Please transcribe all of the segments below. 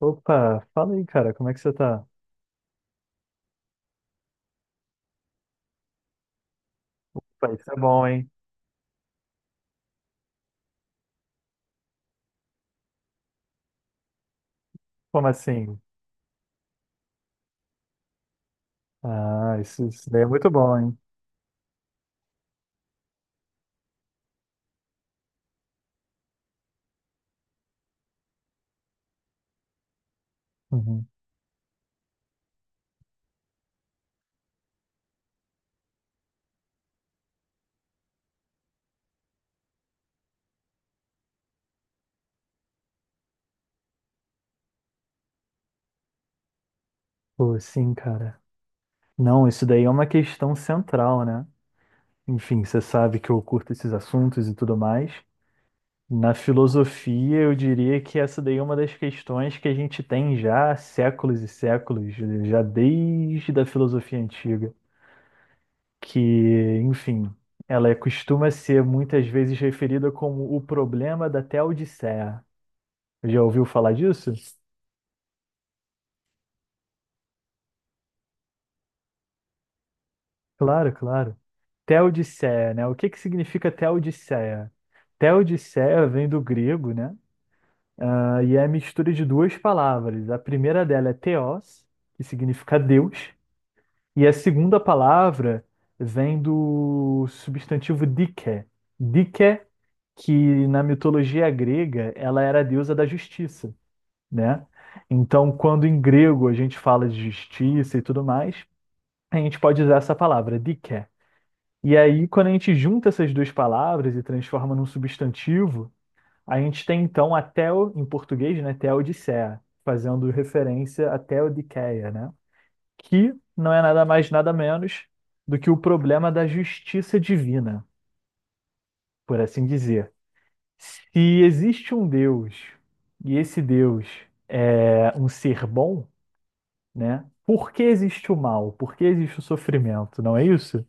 Opa, fala aí, cara, como é que você tá? Pô, isso é bom, hein? Como assim? Ah, isso daí é muito bom, hein? Uhum. Pô, sim, cara. Não, isso daí é uma questão central, né? Enfim, você sabe que eu curto esses assuntos e tudo mais. Na filosofia, eu diria que essa daí é uma das questões que a gente tem já há séculos e séculos, já desde a filosofia antiga, que, enfim, costuma ser muitas vezes referida como o problema da Teodiceia. Já ouviu falar disso? Claro, claro. Teodiceia, né? O que que significa Teodiceia? Teodiceia vem do grego, né? Ah, e é a mistura de duas palavras. A primeira dela é theos, que significa Deus, e a segunda palavra vem do substantivo dike. Dike, que na mitologia grega, ela era a deusa da justiça, né? Então, quando em grego a gente fala de justiça e tudo mais, a gente pode usar essa palavra, dike. E aí, quando a gente junta essas duas palavras e transforma num substantivo, a gente tem então a Theo, em português, né, Theodiceia, fazendo referência à Theodiceia, né? Que não é nada mais, nada menos do que o problema da justiça divina, por assim dizer. Se existe um Deus e esse Deus é um ser bom, né? Por que existe o mal? Por que existe o sofrimento? Não é isso?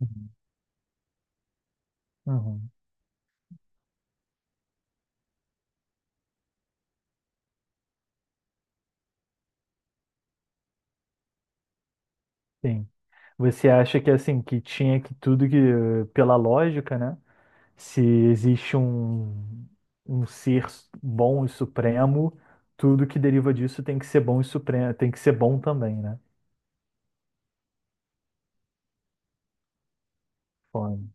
Uhum. Uhum. Sim. Você acha que assim, que tinha que tudo que, pela lógica, né? Se existe um ser bom e supremo, tudo que deriva disso tem que ser bom e supremo, tem que ser bom também, né? Bom.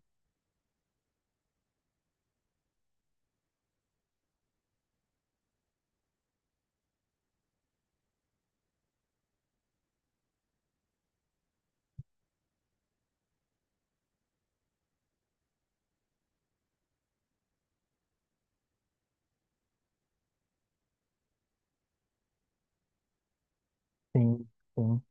Sim, sim.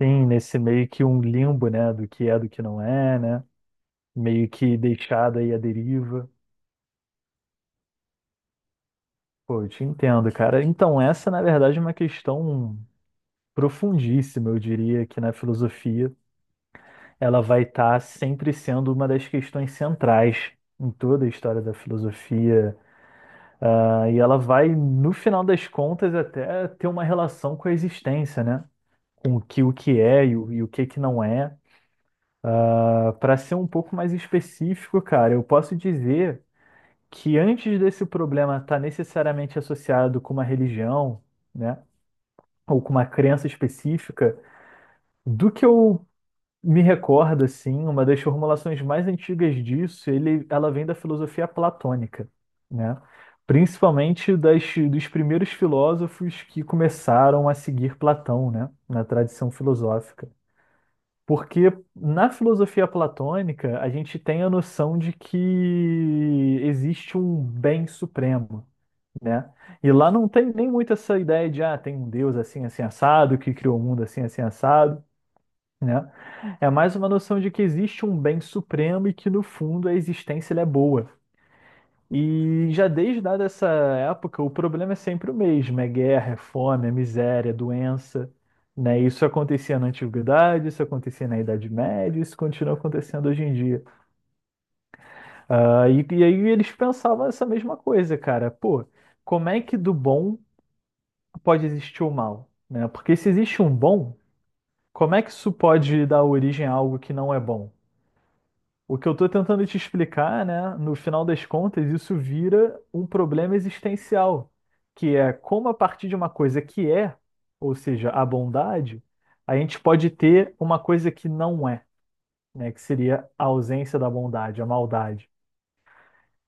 Sim, nesse meio que um limbo, né? Do que é, do que não é, né? Meio que deixado aí à deriva. Pô, eu te entendo, cara. Então, essa, na verdade, é uma questão profundíssima, eu diria. Aqui na filosofia ela vai estar sempre sendo uma das questões centrais em toda a história da filosofia, ah, e ela vai, no final das contas, até ter uma relação com a existência, né? Com o que é e o que que não é. Para ser um pouco mais específico, cara, eu posso dizer que antes desse problema estar necessariamente associado com uma religião, né? Ou com uma crença específica, do que eu me recorda, sim, uma das formulações mais antigas disso, ela vem da filosofia platônica, né? Principalmente dos primeiros filósofos que começaram a seguir Platão, né? Na tradição filosófica. Porque na filosofia platônica, a gente tem a noção de que existe um bem supremo, né? E lá não tem nem muito essa ideia de, ah, tem um Deus assim, assim, assado, que criou o mundo assim, assim, assado, né? É mais uma noção de que existe um bem supremo e que no fundo a existência ela é boa. E já desde dada essa época, o problema é sempre o mesmo: é guerra, é fome, é miséria, é doença, né? Isso acontecia na antiguidade, isso acontecia na Idade Média, isso continua acontecendo hoje em dia. E aí eles pensavam essa mesma coisa, cara. Pô, como é que do bom pode existir o mal, né? Porque se existe um bom, como é que isso pode dar origem a algo que não é bom? O que eu estou tentando te explicar, né? No final das contas, isso vira um problema existencial, que é como a partir de uma coisa que é, ou seja, a bondade, a gente pode ter uma coisa que não é, né? Que seria a ausência da bondade, a maldade.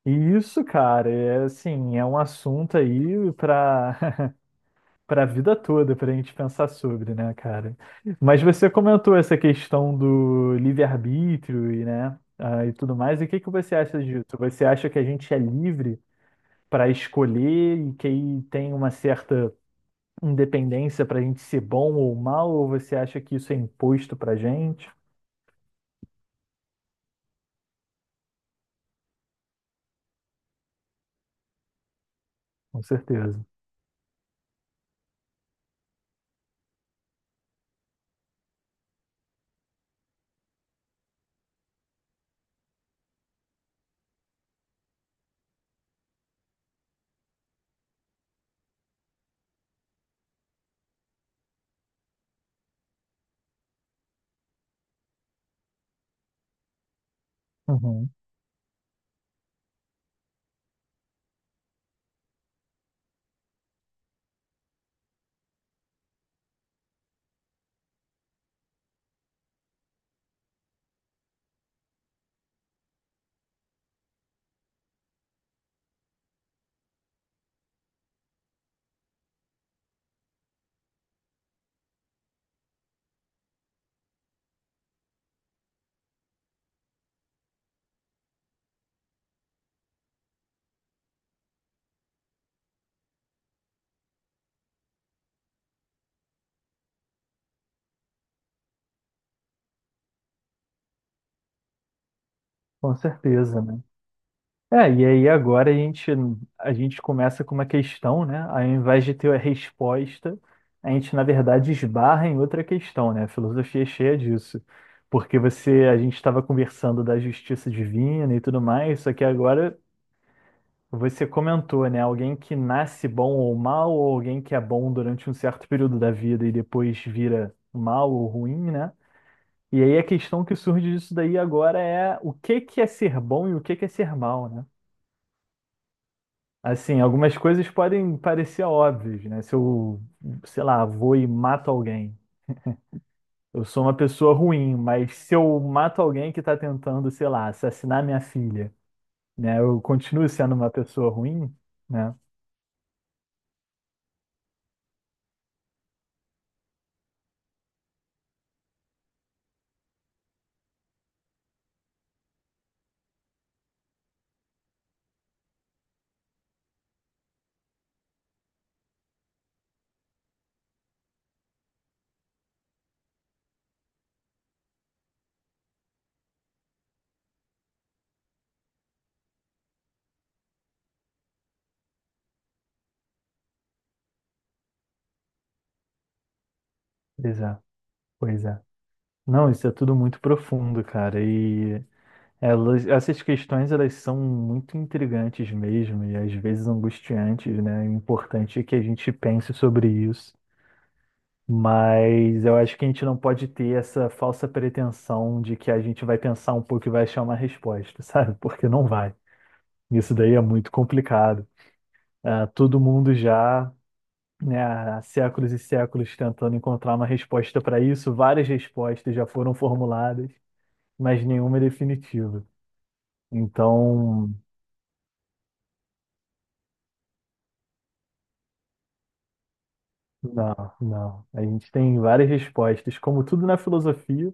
E isso, cara, é assim, é um assunto aí para a vida toda, para a gente pensar sobre, né, cara? Mas você comentou essa questão do livre-arbítrio e tudo mais. E o que que você acha disso? Você acha que a gente é livre para escolher e que aí tem uma certa independência para a gente ser bom ou mal? Ou você acha que isso é imposto para a gente? Com certeza. Uhum. Com certeza, né? É, e aí agora a gente começa com uma questão, né? Ao invés de ter a resposta, a gente, na verdade, esbarra em outra questão, né? A filosofia é cheia disso. Porque a gente estava conversando da justiça divina e tudo mais, só que agora você comentou, né? Alguém que nasce bom ou mal, ou alguém que é bom durante um certo período da vida e depois vira mal ou ruim, né? E aí a questão que surge disso daí agora é o que que é ser bom e o que que é ser mal, né? Assim, algumas coisas podem parecer óbvias, né? Se eu, sei lá, vou e mato alguém, eu sou uma pessoa ruim, mas se eu mato alguém que está tentando, sei lá, assassinar minha filha, né? Eu continuo sendo uma pessoa ruim, né? Pois é, pois é. Não, isso é tudo muito profundo, cara. E essas questões, elas são muito intrigantes mesmo, e às vezes angustiantes, né? O importante é que a gente pense sobre isso. Mas eu acho que a gente não pode ter essa falsa pretensão de que a gente vai pensar um pouco e vai achar uma resposta, sabe? Porque não vai. Isso daí é muito complicado. Todo mundo já, né, há séculos e séculos tentando encontrar uma resposta para isso, várias respostas já foram formuladas, mas nenhuma é definitiva. Então, não, não. A gente tem várias respostas, como tudo na filosofia.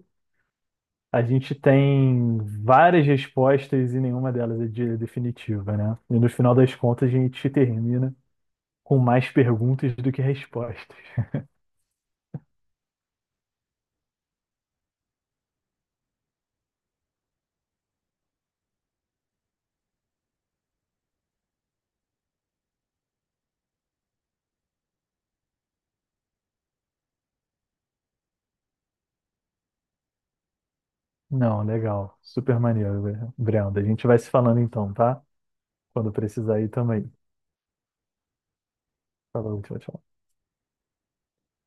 A gente tem várias respostas e nenhuma delas é definitiva, né? E no final das contas a gente termina com mais perguntas do que respostas. Não, legal. Super maneiro, Brenda. A gente vai se falando então, tá? Quando precisar aí também. Falou, tchau, tchau.